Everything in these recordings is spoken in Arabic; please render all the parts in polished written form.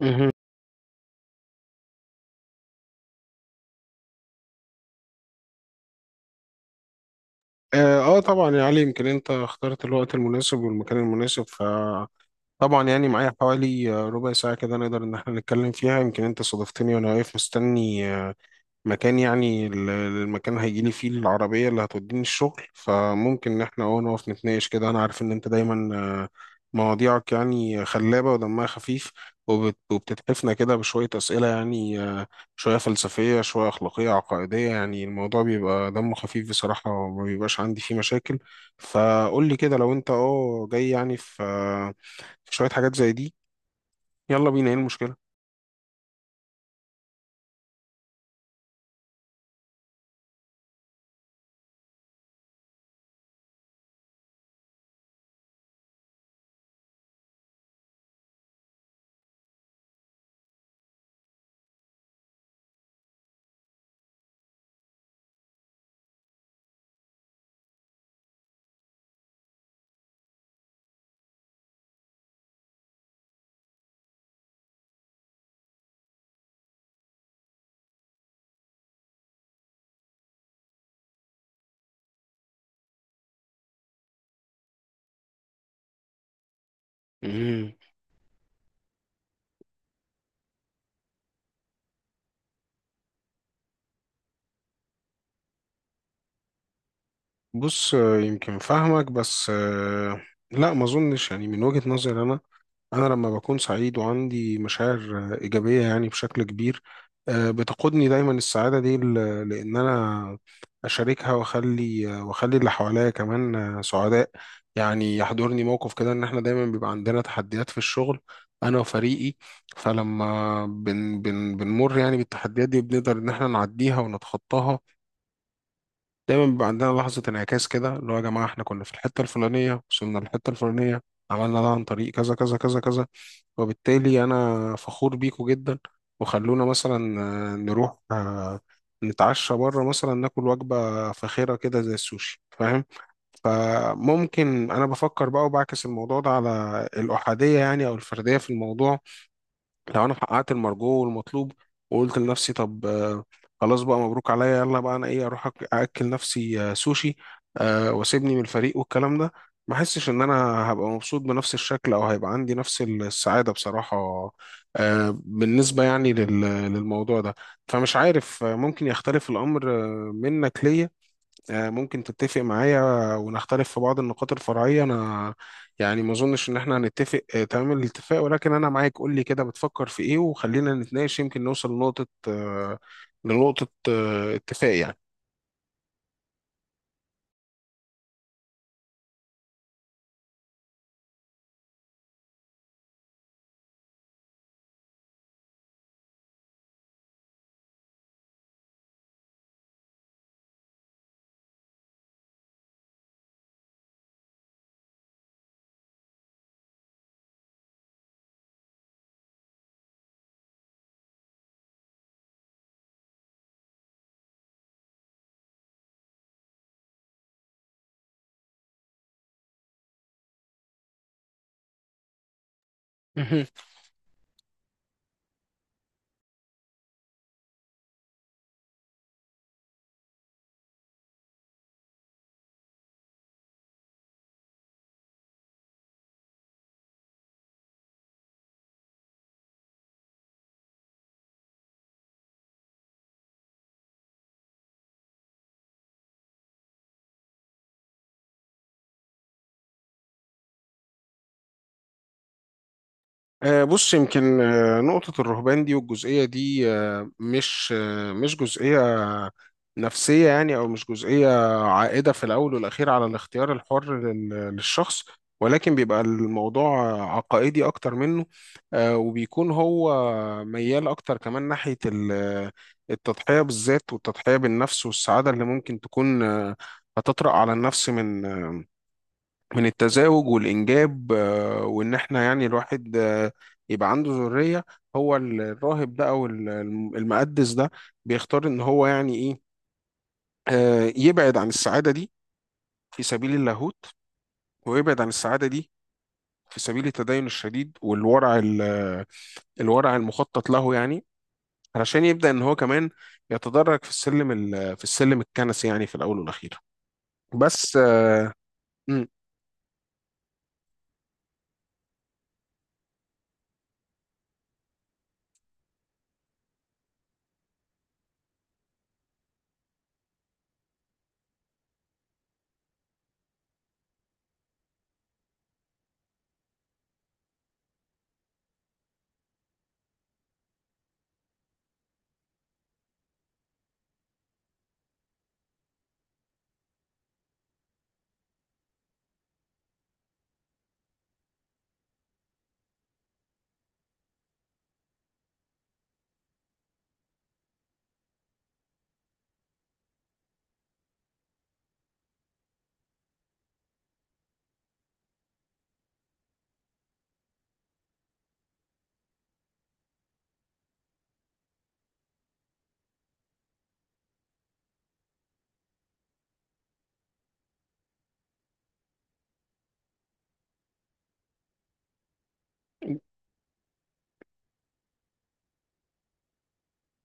مهم. طبعا يا علي، يمكن انت اخترت الوقت المناسب والمكان المناسب، فطبعا يعني معايا حوالي ربع ساعة كده نقدر ان احنا نتكلم فيها. يمكن انت صادفتني وانا واقف مستني مكان، يعني المكان هيجي لي فيه العربية اللي هتوديني الشغل، فممكن إن إحنا نقف نتناقش كده. أنا عارف إن أنت دايما آه، مواضيعك يعني خلابة ودمها خفيف، وبتتحفنا كده بشوية أسئلة، يعني شوية فلسفية شوية أخلاقية عقائدية. يعني الموضوع بيبقى دمه خفيف بصراحة، وما بيبقاش عندي فيه مشاكل. فقول لي كده، لو أنت جاي يعني في في شوية حاجات زي دي، يلا بينا. إيه المشكلة؟ بص، يمكن فاهمك، بس لا ما اظنش. يعني من وجهة نظري انا، انا لما بكون سعيد وعندي مشاعر ايجابية يعني بشكل كبير، بتقودني دايما السعادة دي لان انا اشاركها واخلي واخلي اللي حواليا كمان سعداء. يعني يحضرني موقف كده، ان احنا دايما بيبقى عندنا تحديات في الشغل، انا وفريقي، فلما بن بن بنمر يعني بالتحديات دي، بنقدر ان احنا نعديها ونتخطاها. دايما بيبقى عندنا لحظة انعكاس كده، اللي هو يا جماعة احنا كنا في الحتة الفلانية وصلنا للحتة الفلانية، عملنا ده عن طريق كذا كذا كذا كذا، وبالتالي أنا فخور بيكو جدا، وخلونا مثلا نروح نتعشى بره مثلا، ناكل وجبة فاخرة كده زي السوشي، فاهم؟ فممكن أنا بفكر بقى وبعكس الموضوع ده على الأحادية، يعني أو الفردية في الموضوع. لو انا حققت المرجو والمطلوب وقلت لنفسي طب خلاص بقى مبروك عليا، يلا بقى انا ايه، اروح اكل نفسي سوشي واسيبني من الفريق والكلام ده، ما احسش ان انا هبقى مبسوط بنفس الشكل، او هيبقى عندي نفس السعادة بصراحة بالنسبة يعني للموضوع ده. فمش عارف، ممكن يختلف الامر منك ليا، ممكن تتفق معايا ونختلف في بعض النقاط الفرعية. أنا يعني ما أظنش إن إحنا هنتفق تمام الاتفاق، ولكن أنا معاك، قول لي كده بتفكر في إيه وخلينا نتناقش، يمكن نوصل لنقطة اتفاق. يعني بص، يمكن نقطة الرهبان دي والجزئية دي مش جزئية نفسية، يعني أو مش جزئية عائدة في الأول والأخير على الاختيار الحر للشخص، ولكن بيبقى الموضوع عقائدي أكتر منه. وبيكون هو ميال أكتر كمان ناحية التضحية بالذات والتضحية بالنفس، والسعادة اللي ممكن تكون هتطرأ على النفس من التزاوج والإنجاب. وإن إحنا يعني الواحد يبقى عنده ذرية. هو الراهب ده أو المقدس ده بيختار إن هو يعني إيه، يبعد عن السعادة دي في سبيل اللاهوت، ويبعد عن السعادة دي في سبيل التدين الشديد والورع الورع المخطط له، يعني علشان يبدأ إن هو كمان يتدرج في السلم في السلم الكنسي، يعني في الأول والأخير. بس م-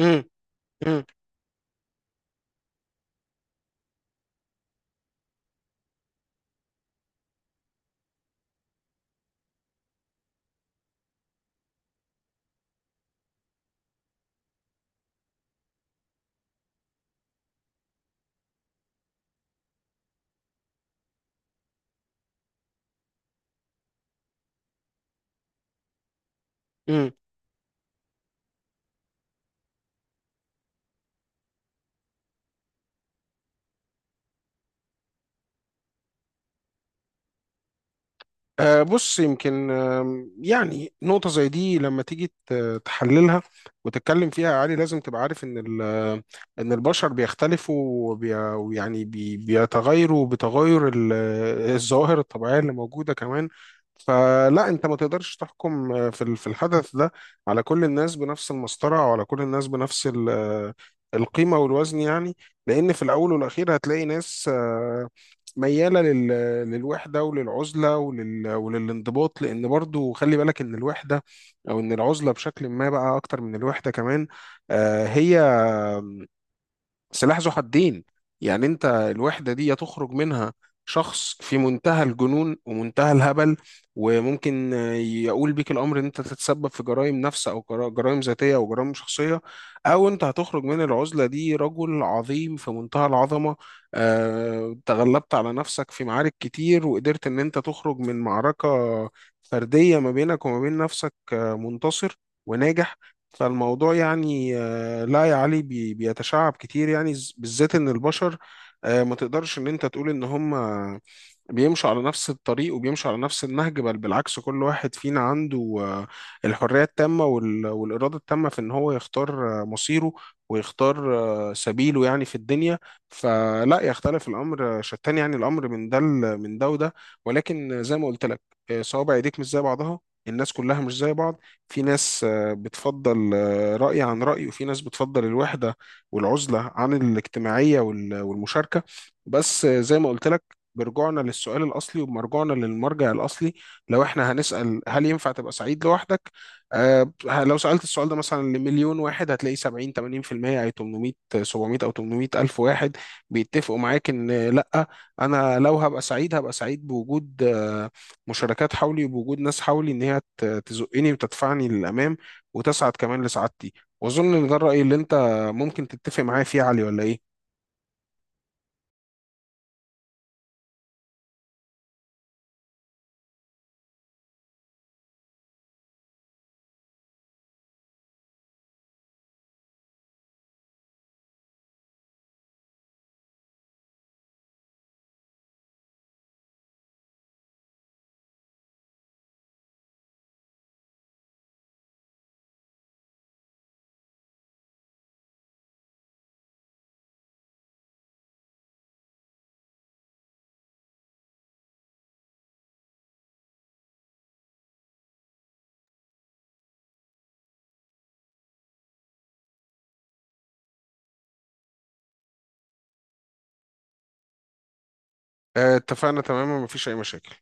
م- م- م- بص، يمكن يعني نقطة زي دي لما تيجي تحللها وتتكلم فيها يا علي، لازم تبقى عارف إن إن البشر بيختلفوا بيتغيروا بتغير الظواهر الطبيعية اللي موجودة كمان. فلا أنت ما تقدرش تحكم في في الحدث ده على كل الناس بنفس المسطرة، وعلى كل الناس بنفس القيمة والوزن يعني. لأن في الأول والأخير هتلاقي ناس ميالة للوحدة وللعزلة وللانضباط، لأن برضو خلي بالك إن الوحدة أو إن العزلة بشكل ما بقى، أكتر من الوحدة كمان، هي سلاح ذو حدين. يعني انت الوحدة دي تخرج منها شخص في منتهى الجنون ومنتهى الهبل، وممكن يقول بيك الامر ان انت تتسبب في جرائم نفس او جرائم ذاتية او جرائم شخصية، او انت هتخرج من العزلة دي رجل عظيم في منتهى العظمة، تغلبت على نفسك في معارك كتير وقدرت ان انت تخرج من معركة فردية ما بينك وما بين نفسك منتصر وناجح. فالموضوع يعني لا يا علي، بيتشعب كتير، يعني بالذات ان البشر ما تقدرش ان انت تقول ان هم بيمشوا على نفس الطريق وبيمشوا على نفس النهج، بل بالعكس، كل واحد فينا عنده الحرية التامة والإرادة التامة في ان هو يختار مصيره ويختار سبيله يعني في الدنيا. فلا يختلف الأمر، شتان يعني الأمر من ده من ده وده. ولكن زي ما قلت لك صوابع ايديك مش زي بعضها، الناس كلها مش زي بعض. في ناس بتفضل رأي عن رأي، وفي ناس بتفضل الوحدة والعزلة عن الاجتماعية والمشاركة. بس زي ما قلت لك، برجوعنا للسؤال الأصلي وبمرجوعنا للمرجع الأصلي، لو احنا هنسأل هل ينفع تبقى سعيد لوحدك؟ لو سألت السؤال ده مثلا لمليون واحد، هتلاقي 70 80% أي 800 700 أو 800 ألف واحد بيتفقوا معاك إن لأ، أنا لو هبقى سعيد هبقى سعيد بوجود مشاركات حولي وبوجود ناس حولي ان هي تزقني وتدفعني للامام وتسعد كمان لسعادتي. واظن ان ده الراي اللي انت ممكن تتفق معايا فيه يا علي، ولا ايه؟ اتفقنا تماما، مفيش اي مشاكل.